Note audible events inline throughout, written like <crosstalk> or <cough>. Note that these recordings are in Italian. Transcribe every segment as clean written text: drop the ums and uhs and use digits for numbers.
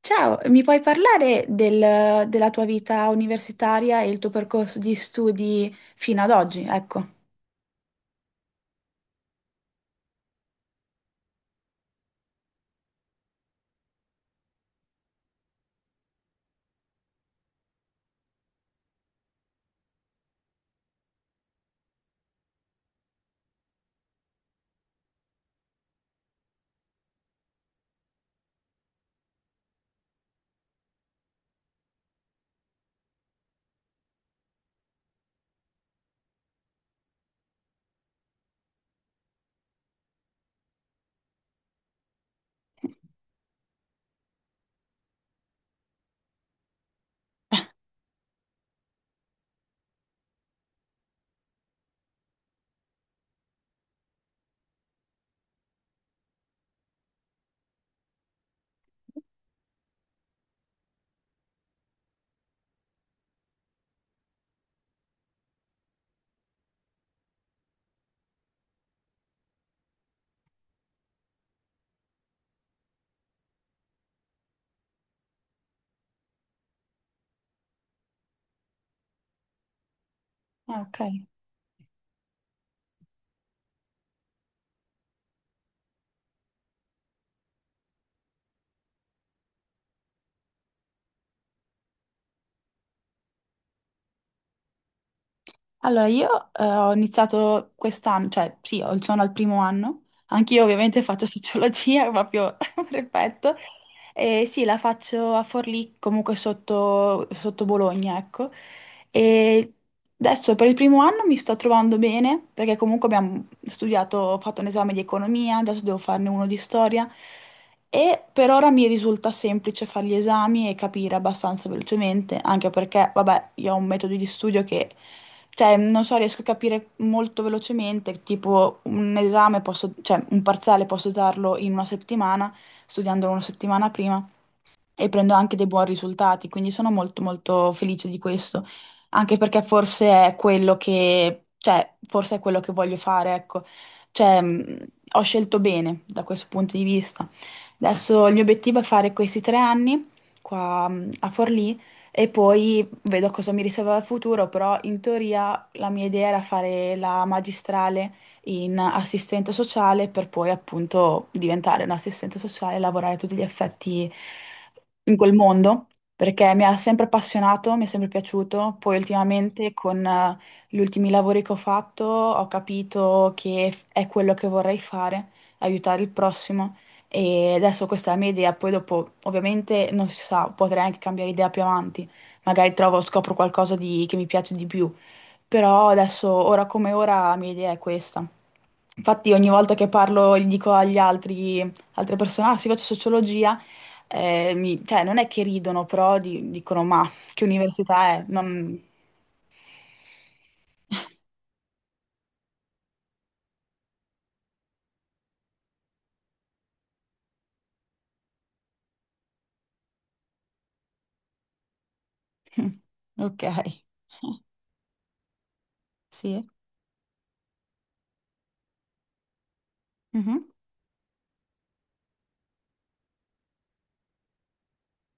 Ciao, mi puoi parlare della tua vita universitaria e il tuo percorso di studi fino ad oggi? Ecco. Ah, ok. Allora, io ho iniziato quest'anno, cioè sì, sono al primo anno, anch'io ovviamente faccio sociologia, <laughs> proprio perfetto, e sì, la faccio a Forlì, comunque sotto, sotto Bologna, ecco, e adesso per il primo anno mi sto trovando bene, perché comunque abbiamo studiato, ho fatto un esame di economia, adesso devo farne uno di storia, e per ora mi risulta semplice fare gli esami e capire abbastanza velocemente, anche perché, vabbè, io ho un metodo di studio che cioè, non so, riesco a capire molto velocemente, tipo un esame posso, cioè un parziale posso darlo in una settimana, studiandolo una settimana prima e prendo anche dei buoni risultati, quindi sono molto molto felice di questo, anche perché forse è quello che, cioè, forse è quello che voglio fare, ecco. Cioè, ho scelto bene da questo punto di vista. Adesso il mio obiettivo è fare questi tre anni qua a Forlì e poi vedo cosa mi riserva il futuro, però in teoria la mia idea era fare la magistrale in assistente sociale per poi appunto diventare un assistente sociale e lavorare a tutti gli effetti in quel mondo, perché mi ha sempre appassionato, mi è sempre piaciuto. Poi ultimamente con gli ultimi lavori che ho fatto ho capito che è quello che vorrei fare, aiutare il prossimo. E adesso questa è la mia idea, poi dopo ovviamente non si sa, potrei anche cambiare idea più avanti, magari trovo, scopro qualcosa che mi piace di più, però adesso, ora come ora, la mia idea è questa. Infatti ogni volta che parlo, gli dico agli altri, altre persone, ah sì, faccio sociologia, cioè non è che ridono, però dicono, ma che università è? Non... <laughs> Ok, sì. Mhm.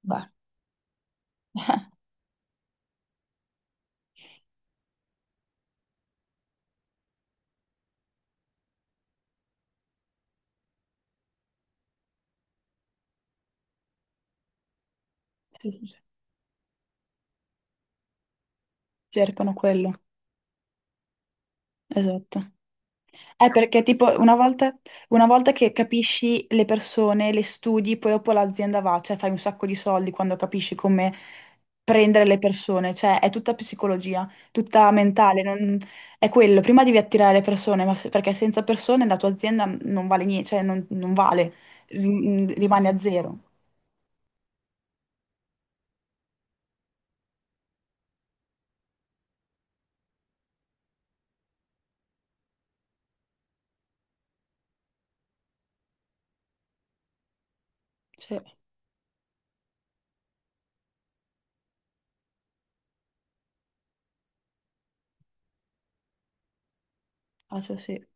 Beh, sì, sì, sì. Cercano quello. Esatto. È perché tipo una volta che capisci le persone, le studi, poi dopo l'azienda va, cioè fai un sacco di soldi quando capisci come prendere le persone, cioè è tutta psicologia, tutta mentale, non- è quello, prima devi attirare le persone, ma perché senza persone la tua azienda non vale niente, cioè non, non vale, rimane a zero. Sì, ah, sì, sì,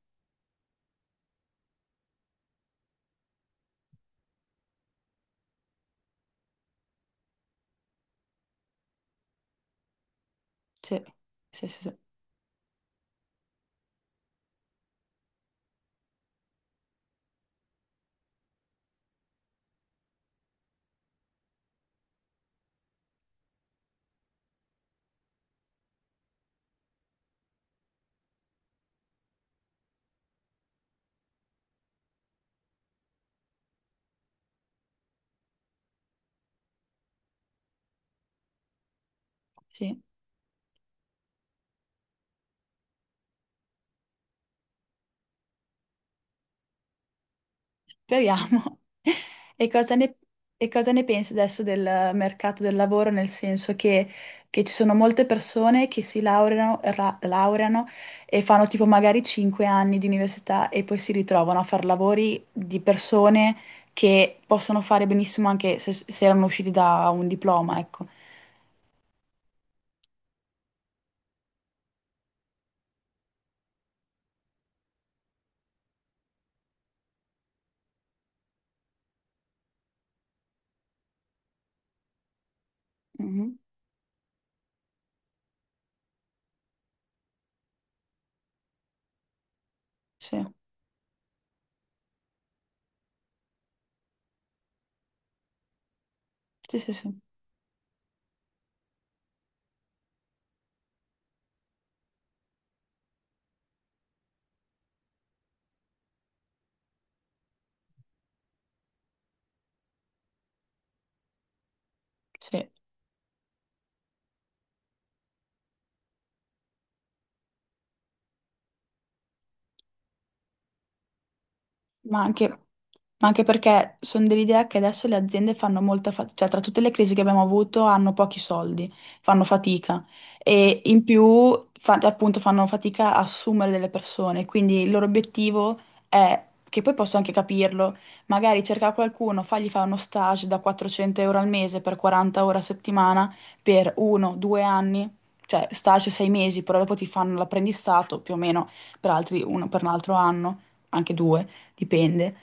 sì, sì, sì. Sì. Sì. Speriamo. <laughs> E cosa ne, e cosa ne pensi adesso del mercato del lavoro? Nel senso che ci sono molte persone che si laureano, laureano e fanno tipo magari 5 anni di università e poi si ritrovano a fare lavori di persone che possono fare benissimo anche se, se erano usciti da un diploma, ecco. Sì, sì, sì, sì. Sì. Ma anche, ma anche perché sono dell'idea che adesso le aziende fanno molta fatica, cioè tra tutte le crisi che abbiamo avuto hanno pochi soldi, fanno fatica e in più appunto fanno fatica a assumere delle persone, quindi il loro obiettivo è, che poi posso anche capirlo, magari cercare qualcuno, fargli fare uno stage da 400 € al mese per 40 ore a settimana per uno, due anni, cioè stage sei mesi, però dopo ti fanno l'apprendistato più o meno per altri, uno per un altro anno anche due dipende.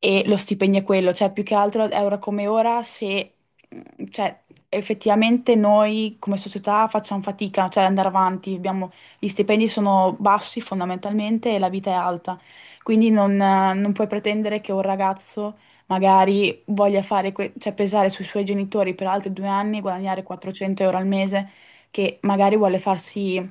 E lo stipendio è quello, cioè più che altro è ora come ora se, cioè, effettivamente noi come società facciamo fatica, cioè andare avanti, abbiamo- gli stipendi sono bassi fondamentalmente e la vita è alta, quindi non, non puoi pretendere che un ragazzo magari voglia fare, cioè pesare sui suoi genitori per altri due anni e guadagnare 400 € al mese, che magari vuole farsi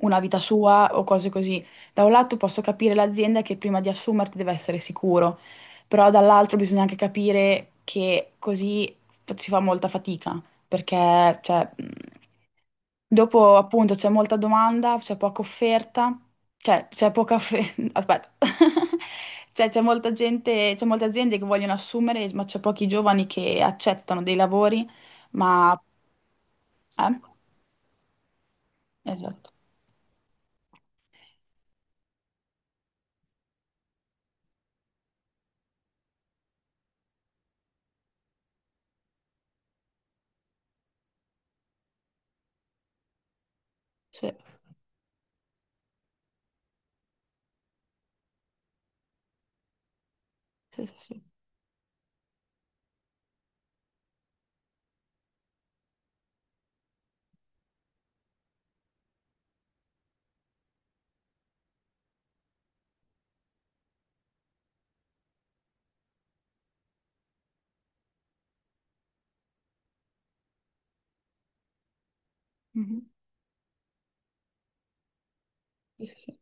una vita sua o cose così. Da un lato posso capire l'azienda che prima di assumerti deve essere sicuro, però dall'altro bisogna anche capire che così si fa molta fatica, perché cioè, dopo appunto c'è molta domanda, c'è poca offerta, cioè c'è poca offerta, <laughs> aspetta, <laughs> cioè c'è molta gente, c'è molte aziende che vogliono assumere, ma c'è pochi giovani che accettano dei lavori, ma... Eh? Esatto. Sì, sì, sì, sì. Mhm. Sì, sì, sì.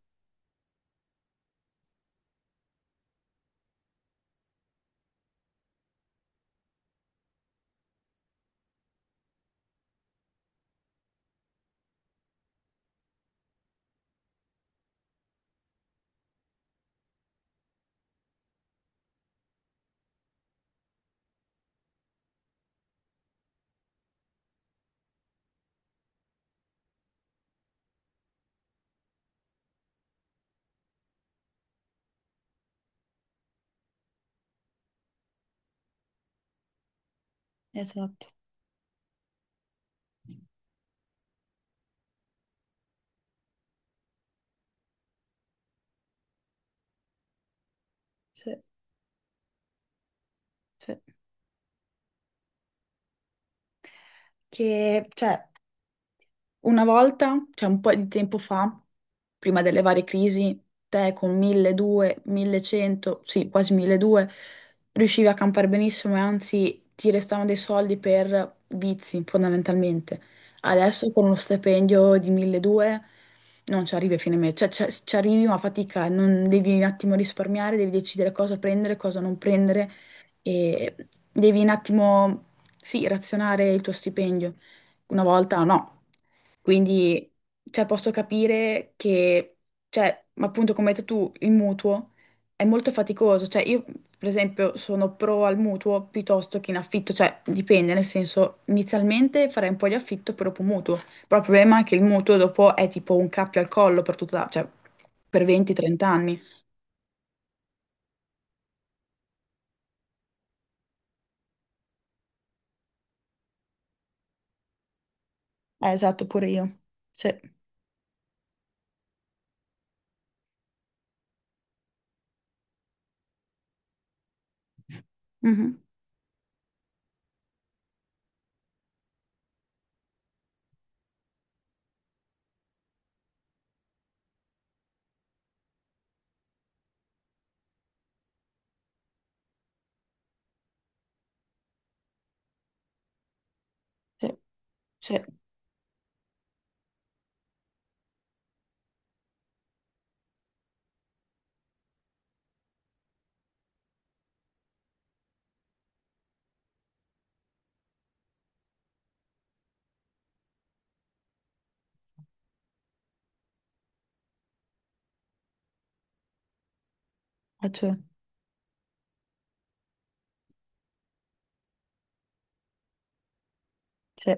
Esatto. Sì. Sì. Che, cioè, una volta, cioè un po' di tempo fa, prima delle varie crisi, te con 1200, 1100, sì, quasi 1200, riuscivi a campare benissimo e anzi ti restavano dei soldi per vizi, fondamentalmente. Adesso con uno stipendio di 1200 non ci arrivi a fine mese, cioè c'è- ci arrivi ma a fatica, non devi un attimo risparmiare, devi decidere cosa prendere, cosa non prendere e devi un attimo, sì, razionare il tuo stipendio. Una volta no. Quindi, cioè, posso capire che, cioè, ma appunto, come hai detto tu, il mutuo è molto faticoso. Cioè, io, per esempio, sono pro al mutuo piuttosto che in affitto. Cioè, dipende, nel senso, inizialmente farei un po' di affitto e dopo mutuo. Però il problema è che il mutuo dopo è tipo un cappio al collo per tutta, cioè, per 20-30 anni. Esatto, pure io. Sì. Mhm. Sì, sì, faccio- sì.